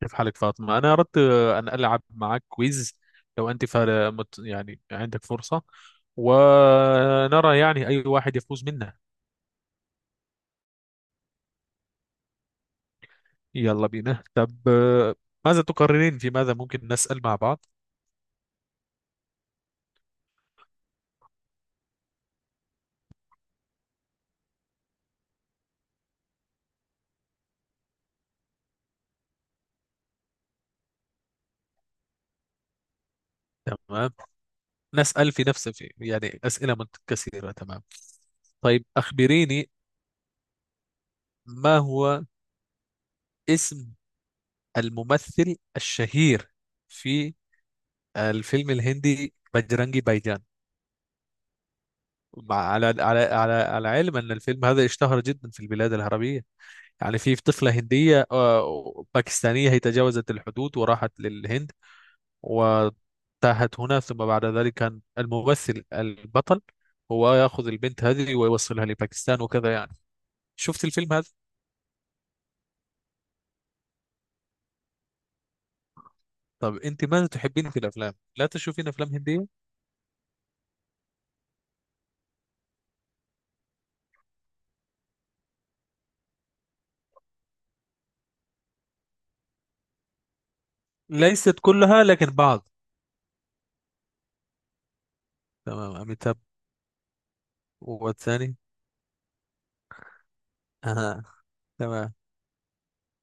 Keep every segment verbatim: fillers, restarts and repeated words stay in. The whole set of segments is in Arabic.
كيف حالك فاطمة؟ أنا أردت آه، أن ألعب معك كويز. لو أنت فا- مت- يعني عندك فرصة، ونرى يعني أي واحد يفوز منا. يلا بينا، طب آه، ماذا تقررين، في ماذا ممكن نسأل مع بعض؟ تمام، نسأل في نفس في يعني أسئلة متكثرة. تمام. طيب أخبريني، ما هو اسم الممثل الشهير في الفيلم الهندي بجرانجي بايجان؟ مع على على على على علم ان الفيلم هذا اشتهر جدا في البلاد العربيه. يعني في طفله هنديه آه، باكستانيه، هي تجاوزت الحدود وراحت للهند وتاهت هنا. ثم بعد ذلك كان الممثل البطل هو ياخذ البنت هذه ويوصلها لباكستان وكذا يعني. شفت الفيلم هذا؟ طب انت ماذا تحبين في الافلام؟ لا تشوفين افلام هنديه؟ ليست كلها لكن بعض. تمام، اميتاب، والثاني؟ آه. تمام،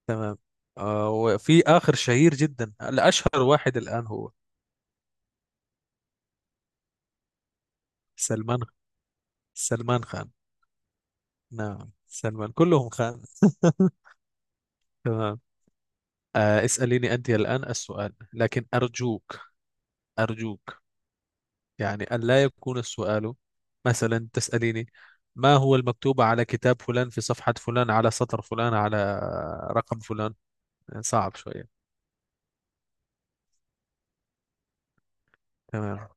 تمام. آه، وفي آخر شهير جدا، الأشهر واحد الآن، هو سلمان سلمان خان. نعم، سلمان، كلهم خان. تمام. آه، اسأليني أنت الآن السؤال، لكن أرجوك، أرجوك، يعني أن لا يكون السؤال مثلا تسأليني، ما هو المكتوب على كتاب فلان في صفحة فلان على سطر فلان على رقم فلان. صعب شوية. تمام.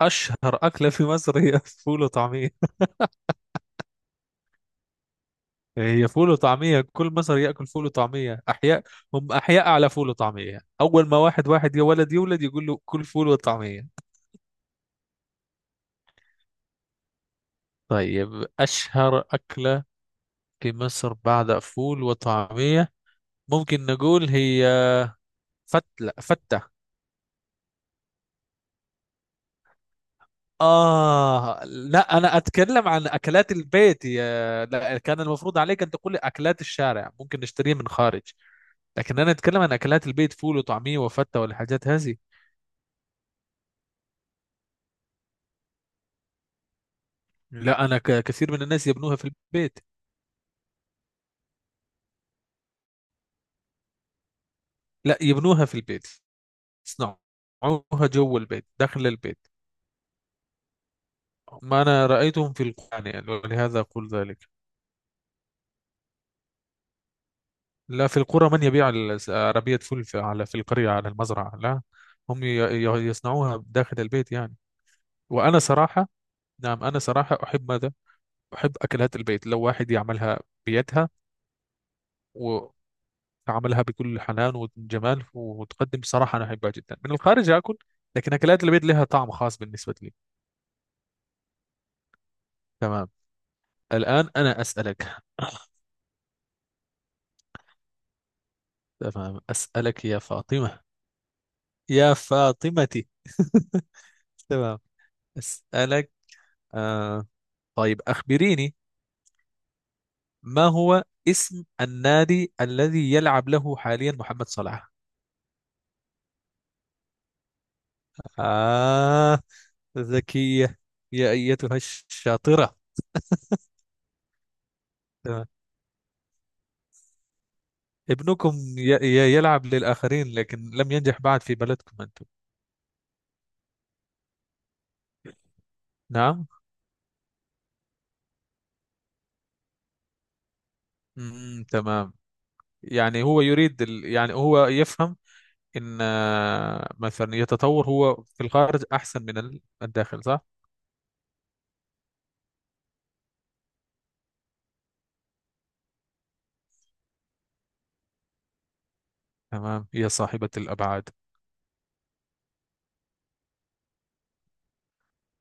أشهر أكلة في مصر هي فول وطعمية. هي فول وطعمية، كل مصر يأكل فول وطعمية. أحياء، هم أحياء على فول وطعمية. أول ما واحد واحد يا ولد يولد يقول له كل فول وطعمية. طيب، أشهر أكلة في مصر بعد فول وطعمية، ممكن نقول هي فتلة فتة. آه لا، أنا أتكلم عن أكلات البيت. يا لا، كان المفروض عليك أن تقول لي أكلات الشارع ممكن نشتريها من خارج، لكن أنا أتكلم عن أكلات البيت: فول وطعمية وفتة والحاجات هذه. لا أنا، ك- كثير من الناس يبنوها في البيت. لا، يبنوها في البيت، يصنعوها جوا البيت، داخل البيت. ما أنا رأيتهم في القرآن يعني، ولهذا أقول ذلك. لا، في القرى من يبيع الس- عربية فول في، على، في القرية على المزرعة، لا. هم ي- ي- يصنعوها داخل البيت يعني. وأنا صراحة، نعم أنا صراحة أحب ماذا؟ أحب أكلات البيت، لو واحد يعملها بيدها وعملها بكل حنان وجمال وتقدم. صراحة أنا أحبها جدا. من الخارج أكل، لكن أكلات البيت لها طعم خاص بالنسبة لي. تمام. الآن أنا أسألك. تمام، أسألك يا فاطمة، يا فاطمتي. تمام، أسألك. آه، طيب أخبريني، ما هو اسم النادي الذي يلعب له حاليا محمد صلاح؟ آه، ذكية، يا أيتها الشاطرة. تمام. ابنكم ي- ي- يلعب للآخرين، لكن لم ينجح بعد في بلدكم أنتم. نعم. مم، تمام. يعني هو يريد ال... يعني هو يفهم ان آه، مثلا يتطور هو في الخارج احسن من ال- الداخل، صح؟ تمام، يا صاحبة الابعاد.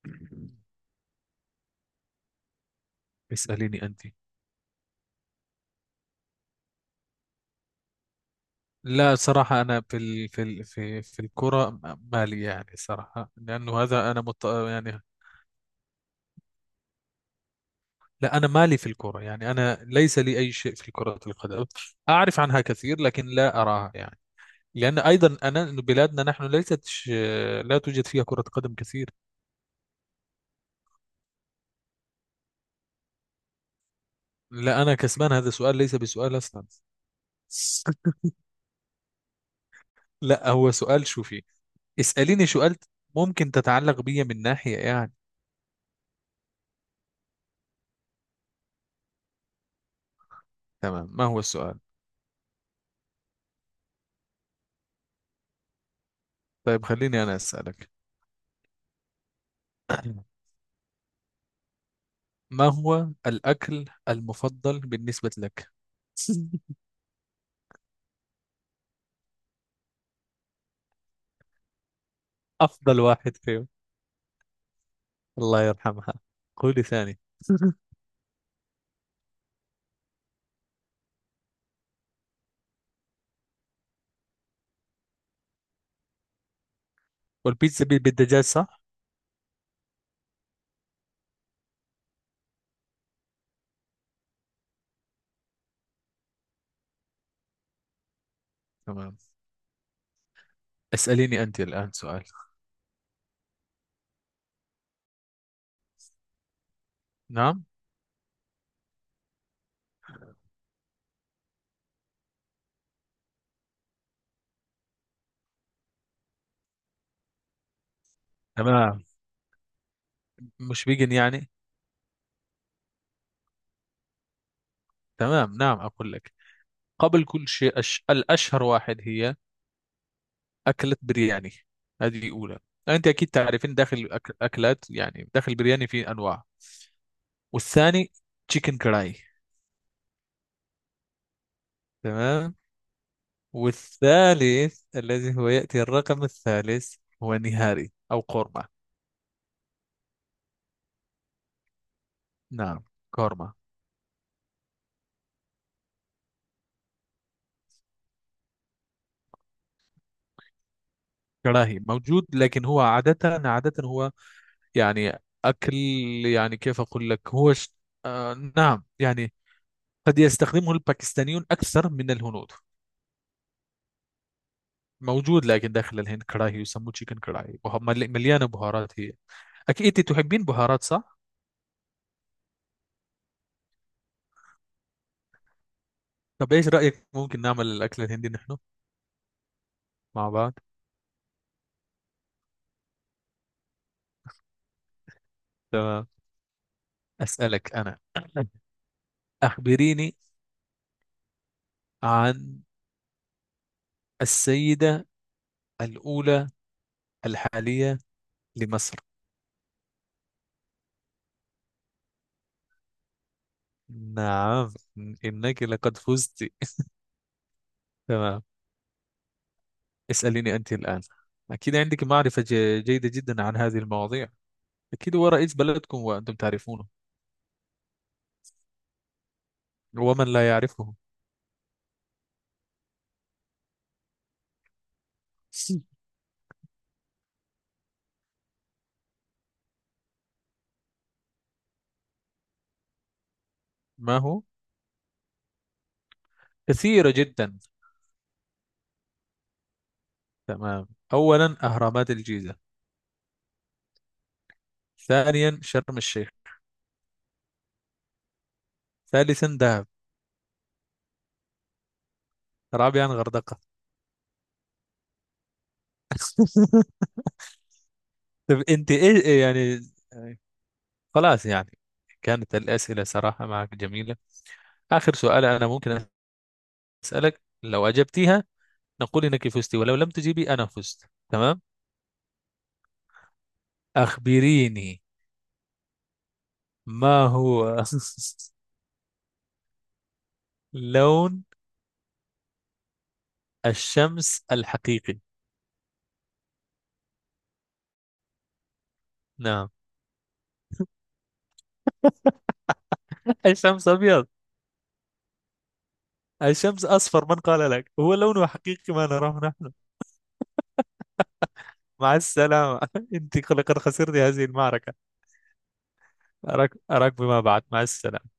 اساليني انت. لا صراحة، أنا في ال... في ال... في في الكرة، م- مالي يعني، صراحة، لأنه هذا أنا مط... يعني. لا، أنا مالي في الكرة، يعني أنا ليس لي أي شيء في كرة القدم. أعرف عنها كثير لكن لا أراها يعني. لأن أيضا أنا، إنه بلادنا نحن ليست ش- لا توجد فيها كرة قدم كثير. لا، أنا كسبان، هذا السؤال ليس بسؤال أصلا. لا، هو سؤال، شوفي، اسأليني سؤال ممكن تتعلق بيا من ناحية يعني. تمام، ما هو السؤال؟ طيب خليني أنا أسألك. ما هو الأكل المفضل بالنسبة لك؟ أفضل واحد فيهم، الله يرحمها. قولي ثاني. والبيتزا بال- بالدجاج، صح؟ تمام. اسأليني أنت الآن سؤال. نعم. تمام، مش فيجن يعني؟ تمام، نعم أقول لك. قبل كل شيء أش... الأشهر واحد هي أكلة برياني، هذه أولى. أنت أكيد تعرفين داخل أك- أكلات يعني داخل برياني في أنواع. والثاني، تشيكن كراي. تمام. والثالث الذي هو يأتي الرقم الثالث، هو نهاري أو قورمة. نعم، قورمة. كراهي موجود، لكن هو عادة، عادة هو يعني أكل، يعني كيف أقول لك، هو ش... آه نعم يعني، قد يستخدمه الباكستانيون أكثر من الهنود. موجود، لكن داخل الهند كراهي يسموه تشيكن كراهي، وه- مل- مليانة بهارات هي. أكيد أنت تحبين بهارات، صح؟ طب إيش رأيك، ممكن نعمل الأكل الهندي نحن مع بعض؟ تمام. أسألك أنا، أخبريني عن السيدة الأولى الحالية لمصر. نعم، إنك لقد فزت. تمام. اسأليني أنت الآن. أكيد عندك معرفة ج- جيدة جدا عن هذه المواضيع، أكيد هو رئيس بلدكم وأنتم تعرفونه، ومن لا يعرفه. ما هو؟ كثيرة جدا. تمام، أولا أهرامات الجيزة، ثانيا شرم الشيخ، ثالثا دهب، رابعا غردقة. طب أنت إيه إيه يعني، يعني خلاص يعني، كانت الأسئلة صراحة معك جميلة. آخر سؤال أنا ممكن أسألك، لو أجبتيها نقول إنك فزتي، ولو لم تجيبي أنا فزت. تمام. أخبريني، ما هو لون الشمس الحقيقي؟ نعم. الشمس أبيض؟ الشمس أصفر، من قال لك هو لونه حقيقي ما نراه نحن؟ مع السلامة. أنت لقد خسرت هذه المعركة. أراك أراك بما بعد، مع السلامة.